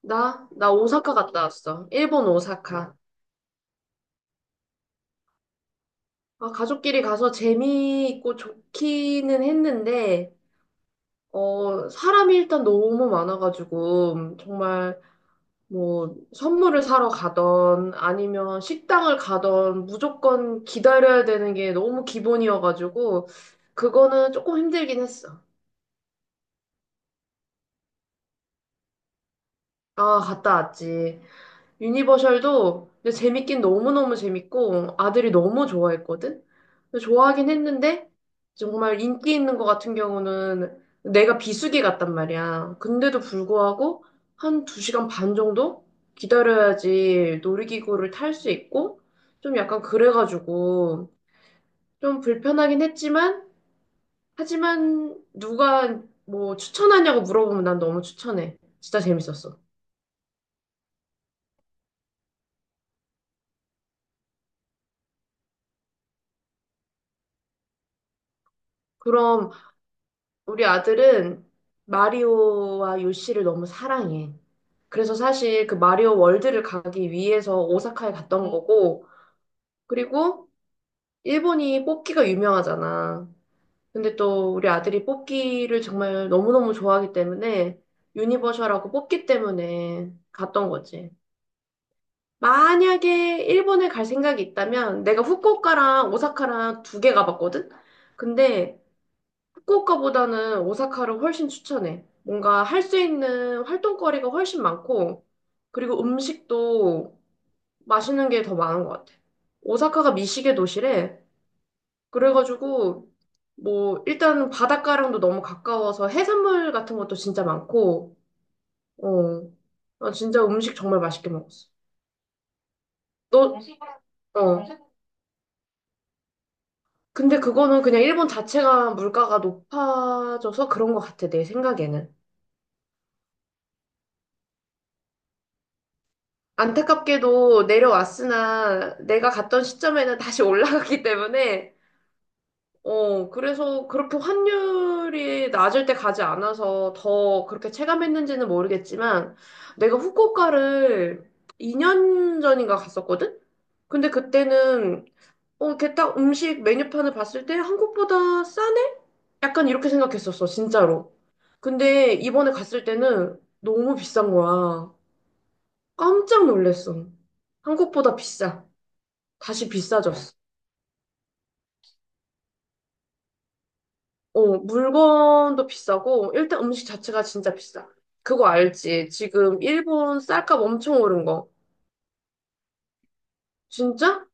나? 나 오사카 갔다 왔어. 일본 오사카. 아, 가족끼리 가서 재미있고 좋기는 했는데, 사람이 일단 너무 많아가지고, 정말 뭐, 선물을 사러 가던, 아니면 식당을 가던, 무조건 기다려야 되는 게 너무 기본이어가지고, 그거는 조금 힘들긴 했어. 아, 갔다 왔지. 유니버셜도 근데 재밌긴 너무너무 재밌고 아들이 너무 좋아했거든? 근데 좋아하긴 했는데 정말 인기 있는 거 같은 경우는 내가 비수기 같단 말이야. 근데도 불구하고 한 두시간반 정도 기다려야지 놀이기구를 탈 수 있고 좀 약간 그래가지고 좀 불편하긴 했지만 하지만 누가 뭐 추천하냐고 물어보면 난 너무 추천해. 진짜 재밌었어. 그럼 우리 아들은 마리오와 요시를 너무 사랑해. 그래서 사실 그 마리오 월드를 가기 위해서 오사카에 갔던 거고, 그리고 일본이 뽑기가 유명하잖아. 근데 또 우리 아들이 뽑기를 정말 너무너무 좋아하기 때문에 유니버셜하고 뽑기 때문에 갔던 거지. 만약에 일본에 갈 생각이 있다면 내가 후쿠오카랑 오사카랑 두 개 가봤거든? 근데 후쿠오카보다는 오사카를 훨씬 추천해. 뭔가 할 수 있는 활동거리가 훨씬 많고, 그리고 음식도 맛있는 게 더 많은 것 같아. 오사카가 미식의 도시래. 그래가지고, 뭐, 일단 바닷가랑도 너무 가까워서 해산물 같은 것도 진짜 많고, 어, 나 진짜 음식 정말 맛있게 먹었어. 너, 어. 근데 그거는 그냥 일본 자체가 물가가 높아져서 그런 것 같아, 내 생각에는. 안타깝게도 내려왔으나 내가 갔던 시점에는 다시 올라갔기 때문에 그래서 그렇게 환율이 낮을 때 가지 않아서 더 그렇게 체감했는지는 모르겠지만 내가 후쿠오카를 2년 전인가 갔었거든? 근데 그때는 이렇게 딱 음식 메뉴판을 봤을 때 한국보다 싸네? 약간 이렇게 생각했었어 진짜로. 근데 이번에 갔을 때는 너무 비싼 거야. 깜짝 놀랐어. 한국보다 비싸. 다시 비싸졌어. 어, 물건도 비싸고, 일단 음식 자체가 진짜 비싸. 그거 알지? 지금 일본 쌀값 엄청 오른 거. 진짜?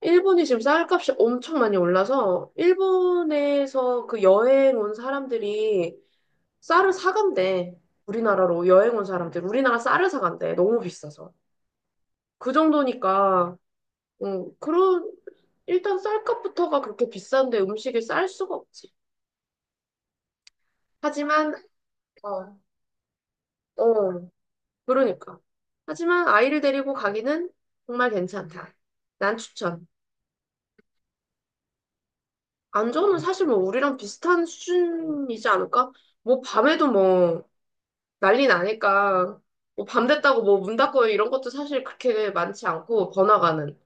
일본이 지금 쌀값이 엄청 많이 올라서, 일본에서 그 여행 온 사람들이 쌀을 사간대. 우리나라로 여행 온 사람들. 우리나라 쌀을 사간대. 너무 비싸서. 그 정도니까, 음, 그런, 일단 쌀값부터가 그렇게 비싼데 음식을 쌀 수가 없지. 하지만, 어, 어. 그러니까. 하지만 아이를 데리고 가기는 정말 괜찮다. 난 추천. 안전은 사실 뭐 우리랑 비슷한 수준이지 않을까? 뭐 밤에도 뭐 난리 나니까 뭐밤 됐다고 뭐 문 닫고 이런 것도 사실 그렇게 많지 않고 번화가는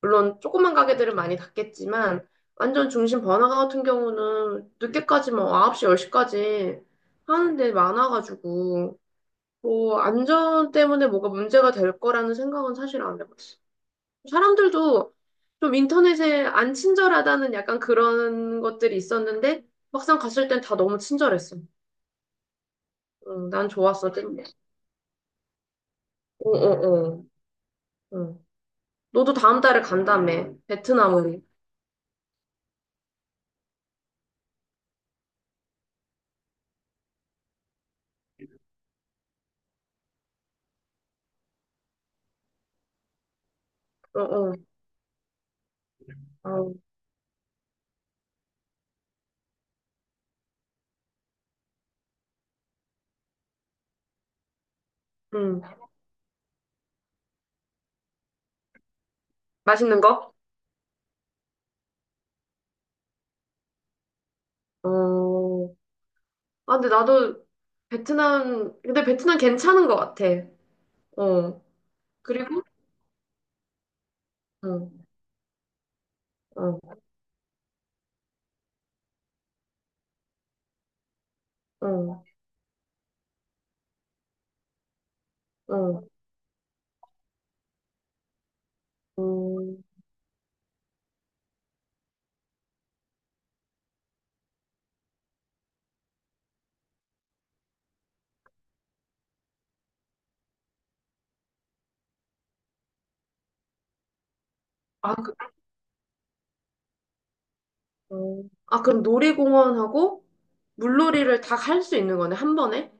물론 조그만 가게들은 많이 닫겠지만 완전 중심 번화가 같은 경우는 늦게까지 뭐 9시, 10시까지 하는 데 많아가지고 뭐 안전 때문에 뭐가 문제가 될 거라는 생각은 사실 안 해봤어. 사람들도 좀 인터넷에 안 친절하다는 약간 그런 것들이 있었는데 막상 갔을 땐 다 너무 친절했어. 응, 난 좋았어. 응, 응, 응. 응. 너도 다음 달에 간다며. 베트남으로. 어, 어. 어, 응. 맛있는 거? 어. 아, 근데 나도 베트남, 근데 베트남 괜찮은 것 같아. 어. 그리고? 응, 응, 응, 응. 응. 아, 어. 아, 그럼 놀이공원하고 물놀이를 다 할 수 있는 거네, 한 번에?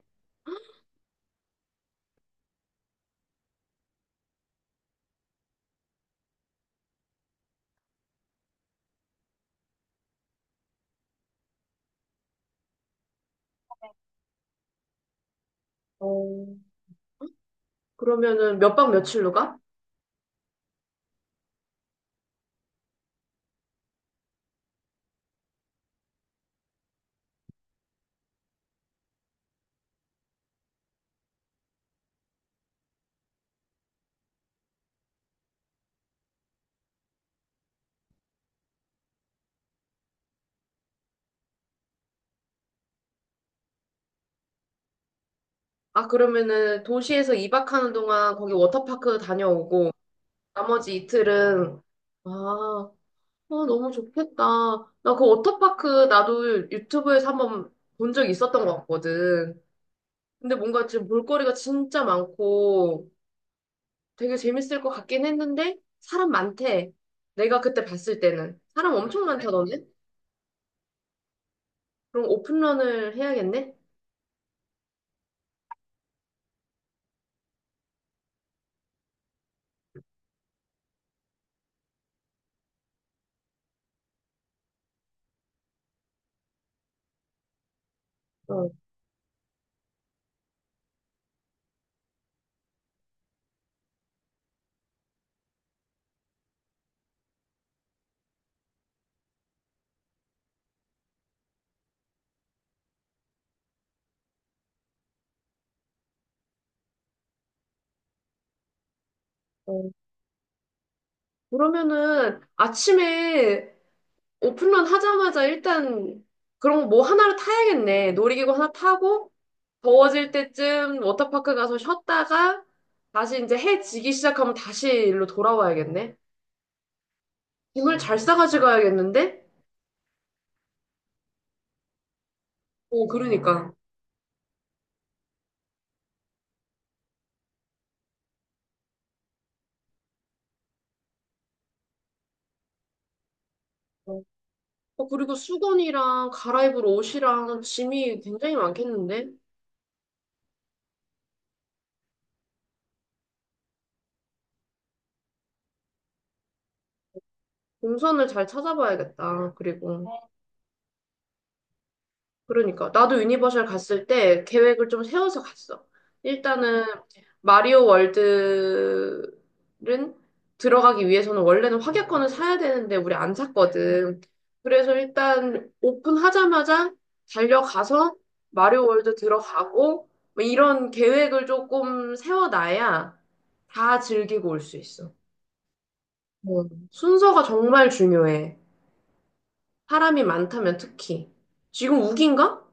어. 그러면은 몇 박 며칠로 가? 아, 그러면은 도시에서 2박 하는 동안 거기 워터파크 다녀오고, 나머지 이틀은, 아, 어, 너무 좋겠다. 나 그 워터파크 나도 유튜브에서 한번 본 적 있었던 것 같거든. 근데 뭔가 지금 볼거리가 진짜 많고 되게 재밌을 것 같긴 했는데, 사람 많대. 내가 그때 봤을 때는. 사람 엄청 많다던데? 그럼 오픈런을 해야겠네? 어, 어. 그러면은 아침에 오픈런 하자마자 일단 그런 거 뭐 하나를 타야겠네. 놀이기구 하나 타고 더워질 때쯤 워터파크 가서 쉬었다가 다시 이제 해 지기 시작하면 다시 일로 돌아와야겠네. 짐을 잘 싸가지 가야겠는데? 어, 그러니까. 어. 그리고 수건이랑 갈아입을 옷이랑 짐이 굉장히 많겠는데? 동선을 잘 찾아봐야겠다. 그리고. 그러니까 나도 유니버셜 갔을 때 계획을 좀 세워서 갔어. 일단은 마리오 월드는 들어가기 위해서는 원래는 확약권을 사야 되는데 우리 안 샀거든. 그래서 일단 오픈하자마자 달려가서 마리오 월드 들어가고 뭐 이런 계획을 조금 세워놔야 다 즐기고 올 수 있어. 뭐, 순서가 정말 중요해. 사람이 많다면 특히. 지금 우기인가?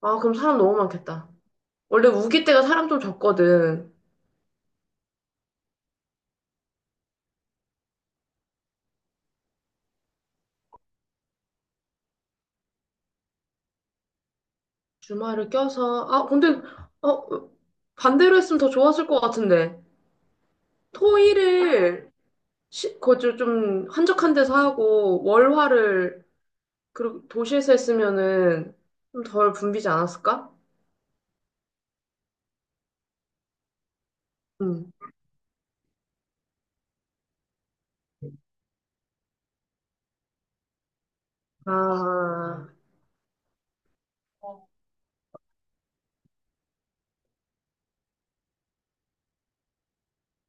아, 그럼 사람 너무 많겠다. 원래 우기 때가 사람 좀 적거든. 주말을 껴서, 아, 근데, 어, 반대로 했으면 더 좋았을 것 같은데. 토일을, 시, 거주 좀 한적한 데서 하고, 월화를, 그리고 도시에서 했으면은 좀 덜 붐비지 않았을까? 음. 아,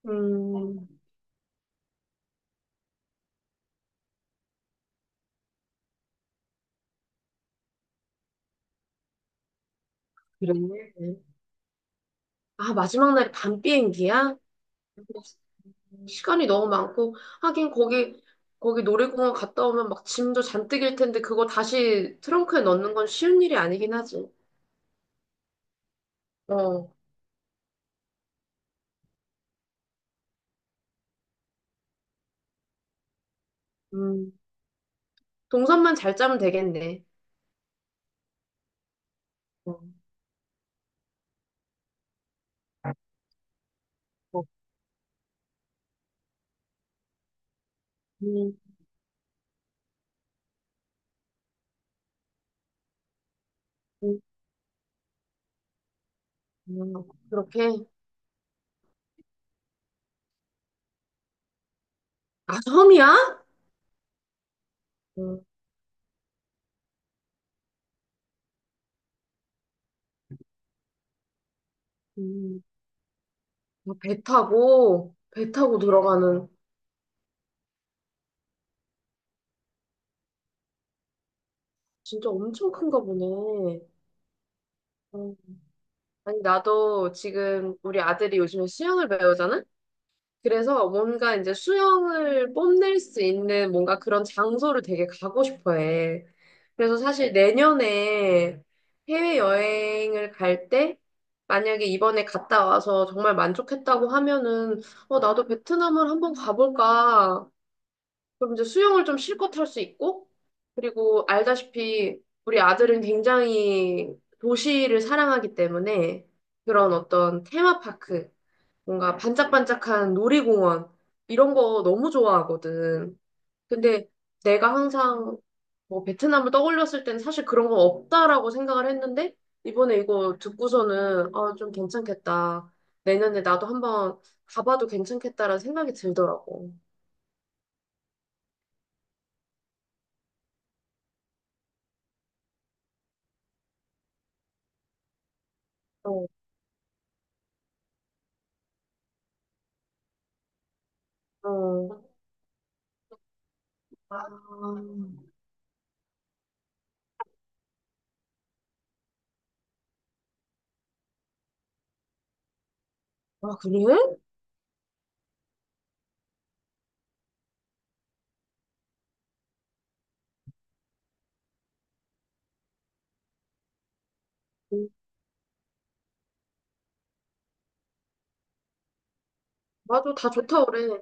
음. 그래. 아, 마지막 날이 밤 비행기야? 시간이 너무 많고 하긴 거기 거기 놀이공원 갔다 오면 막 짐도 잔뜩 일 텐데 그거 다시 트렁크에 넣는 건 쉬운 일이 아니긴 하지. 어, 음, 동선만 잘 짜면 되겠네. 어, 어, 음, 음, 음, 그렇게 아 섬이야? 음, 음. 아, 배 타고 배 타고 들어가는 진짜 엄청 큰가 보네. 어, 아니 나도 지금 우리 아들이 요즘에 수영을 배우잖아. 그래서 뭔가 이제 수영을 뽐낼 수 있는 뭔가 그런 장소를 되게 가고 싶어 해. 그래서 사실 내년에 해외여행을 갈 때, 만약에 이번에 갔다 와서 정말 만족했다고 하면은, 나도 베트남을 한번 가볼까. 그럼 이제 수영을 좀 실컷 할 수 있고, 그리고 알다시피 우리 아들은 굉장히 도시를 사랑하기 때문에 그런 어떤 테마파크, 뭔가 반짝반짝한 놀이공원 이런 거 너무 좋아하거든. 근데 내가 항상 뭐 베트남을 떠올렸을 땐 사실 그런 거 없다라고 생각을 했는데 이번에 이거 듣고서는 아, 좀 괜찮겠다. 내년에 나도 한번 가봐도 괜찮겠다라는 생각이 들더라고. 어, 어. 아, 아, 그래? 맞아, 다 좋다 그래.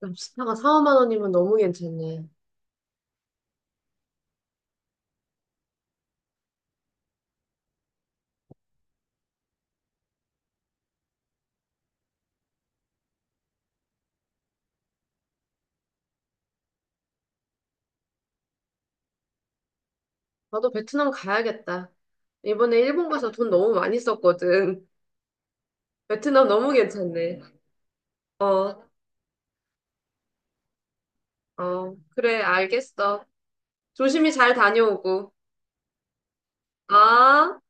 랍스타가 4, 5만 원이면 너무 괜찮네. 나도 베트남 가야겠다. 이번에 일본 가서 돈 너무 많이 썼거든. 베트남 너무 괜찮네. 어, 어, 그래, 알겠어. 조심히 잘 다녀오고. 아.